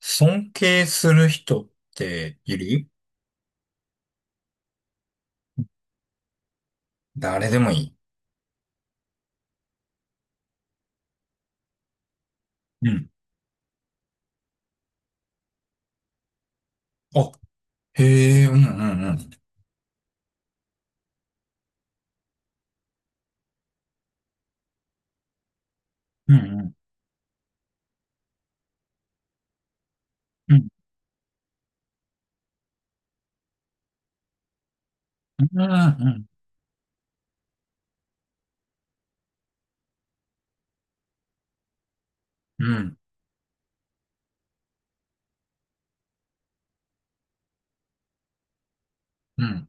尊敬する人っている。誰でもいい。うん。あ、へえ、うんうんうん。うんうん。うんうんうん。うんうんうん。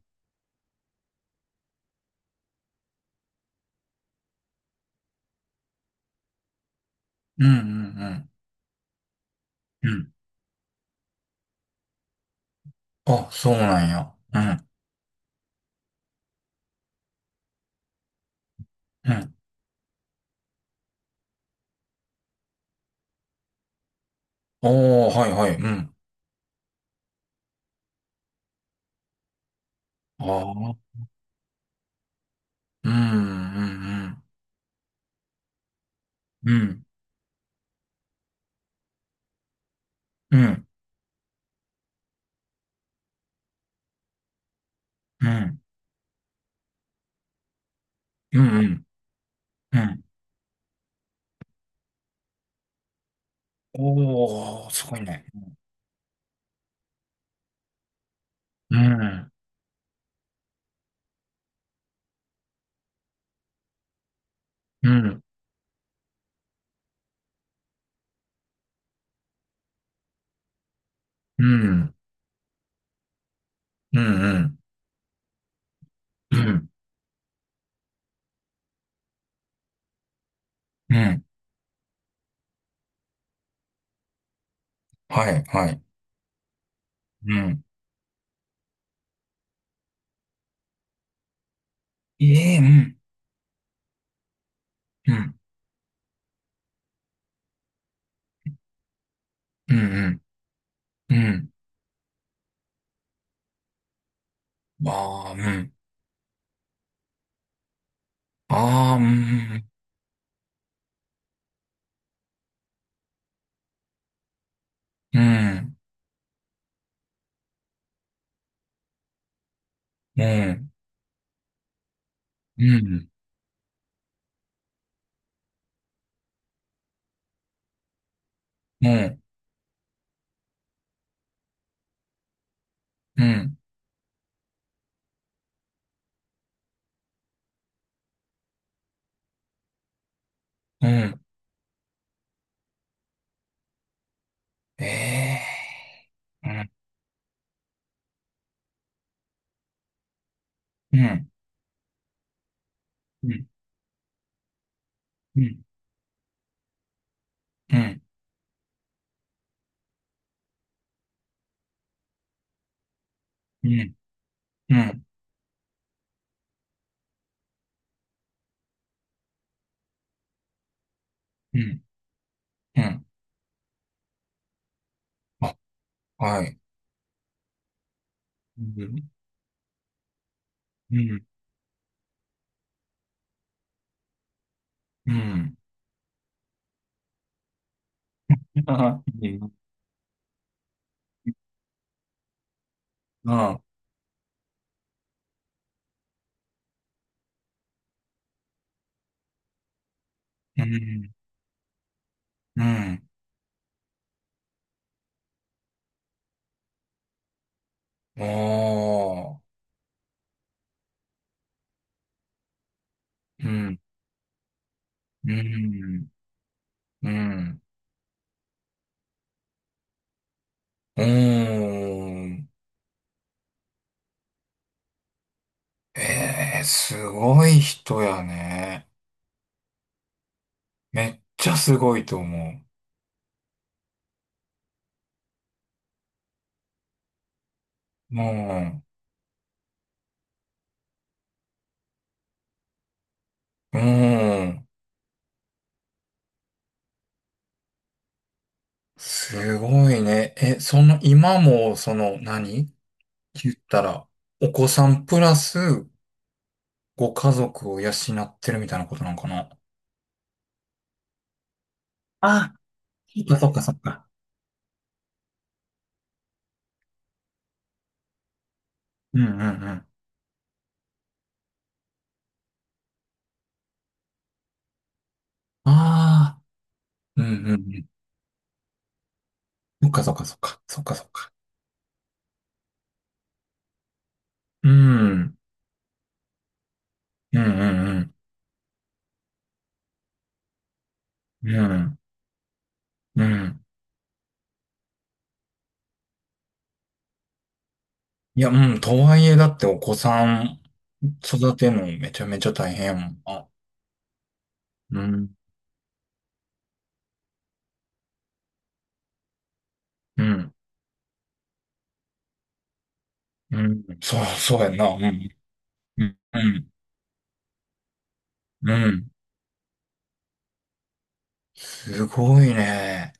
うんうん。うん。あ、そうなんや。うんうん。おー、はいはい。うん。ああ。うんうんうん。うんうんうん。うんうん。うん。おー、すごいね。うんうんうんうんうんうん。うんうん。はいはい。うん。ええ、うん。うん。うんうん。うん。ああ、うん。ああ、うん。うん。うん。うん。うん。うん。うん。うん。ええー。うん。うん。うん。うん。うん。うん。うん。うん。うん。あ、はい。うん。うん。うん。ああ、うん。うん。おー。うん。うん。うん。うーん。ええー、すごい人やね。めっちゃすごいと思う。もう、うん。すごいね。え、その、今も、その、何言ったら、お子さんプラス、ご家族を養ってるみたいなことなんかな。あ、あ、そっかそっか。うんうんうん。ああ、うんうんうん。そっかそっかそっか。そっかそっか。うん。うんうんうん。うん。うん。いや、うん。とはいえ、だってお子さん育てるのめちゃめちゃ大変やもんな。うん。うん。うん。そう、そうやんな。うん。うん。うん。うん。すごいね。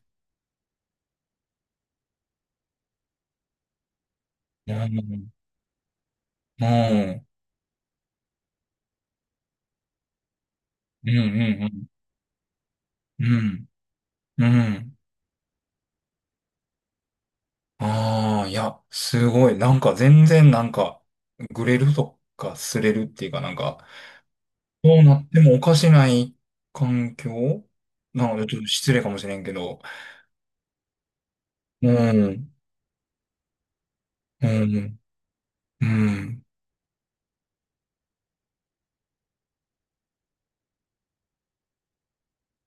うん。うん。うん。うん。うん。うん。うん。ああ、いや、すごい。なんか全然なんか、ぐれるとか、すれるっていうかなんか、どうなってもおかしない環境なので、ちょっと失礼かもしれんけど。うん。うん。うん。うん。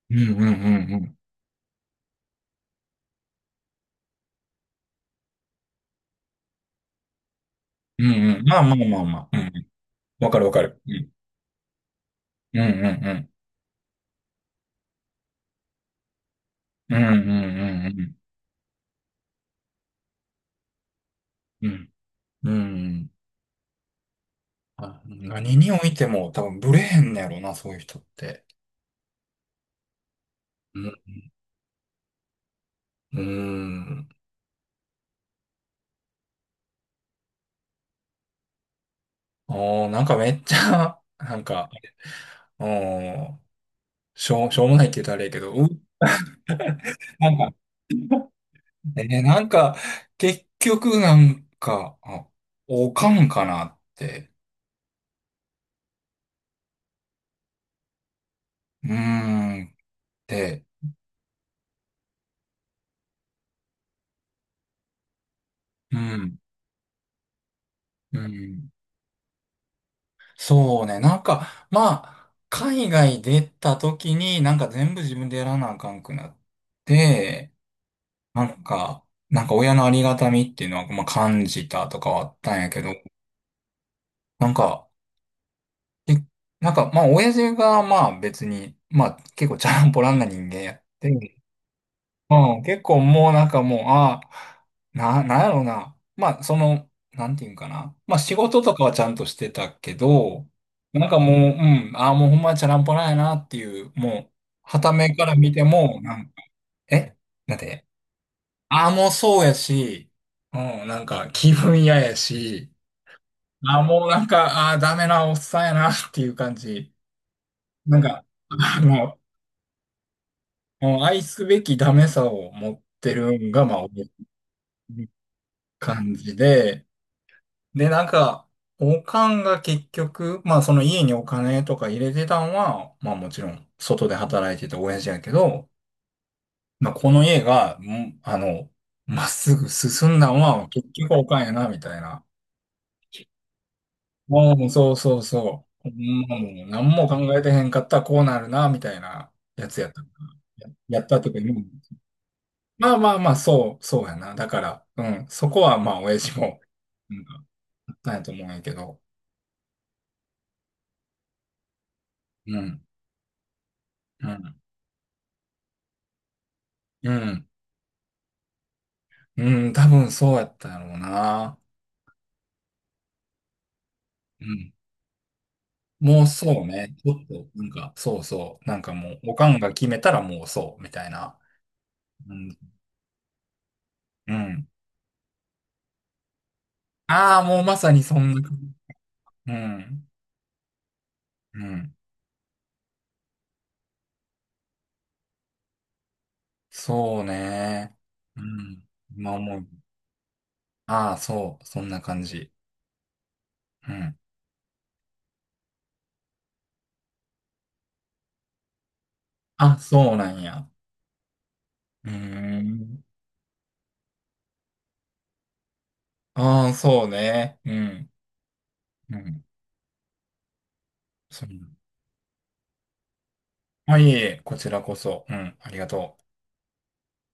うん。うん。うん。うん。まあまあまあまあ。うん。わかるわかる。うん。うん。うん。うんうんうんうんうんうん。うん。あ、何においても多分ブレへんねやろな、そういう人って。うん。うん。おー、なんかめっちゃ、なんか、おー、しょうもないって言ったらあれやけど、なんか、なんか、結局なんか、あ、おかんかなって。うーん。で、うん。うん。そうね。なんか、まあ、海外出た時になんか全部自分でやらなあかんくなって、なんか、なんか親のありがたみっていうのは、まあ、感じたとかはあったんやけど、なんか、えなんか、まあ、親父がまあ別に、まあ結構チャランポランな人間やって、うん、結構もうなんかもう、ああ、なんやろうな。まあ、その、なんていうんかな。まあ、仕事とかはちゃんとしてたけど、なんかもう、うん、ああ、もうほんまにチャランポラんやなっていう、もう、傍目から見ても、なんか、えなんて、ああ、もうそうやし、うん、なんか気分嫌やし、ああ、もうなんか、ああ、ダメなおっさんやなっていう感じ。なんか、あの、もう愛すべきダメさを持ってるんが、まあ、感じで、で、なんか、おかんが結局、まあその家にお金とか入れてたんは、まあもちろん外で働いてた親父やけど、まあこの家が、んあの、まっすぐ進んだんは結局おかんやな、みたいな。もうそうそうそう。もう何も考えてへんかったらこうなるな、みたいなやつやったややった時に、まあまあまあ、そう、そうやな。だから、うん、そこはまあ親父も、うん、あったんやと思うんやけど、うん、うん、うん。うん、多分そうやったやろうな。うん。もうそうね。ちょっと、なんか、そうそう。なんかもう、おかんが決めたらもうそう、みたいな。うん。うん。ああ、もうまさにそんな感じ。うん。うん。そうね。うん。今思う。ああ、そう。そんな感じ。うん。あ、そうなんや。うーん。ああ、そうね。うん。うん。そう。はいえいえ、こちらこそ。うん。ありがとう。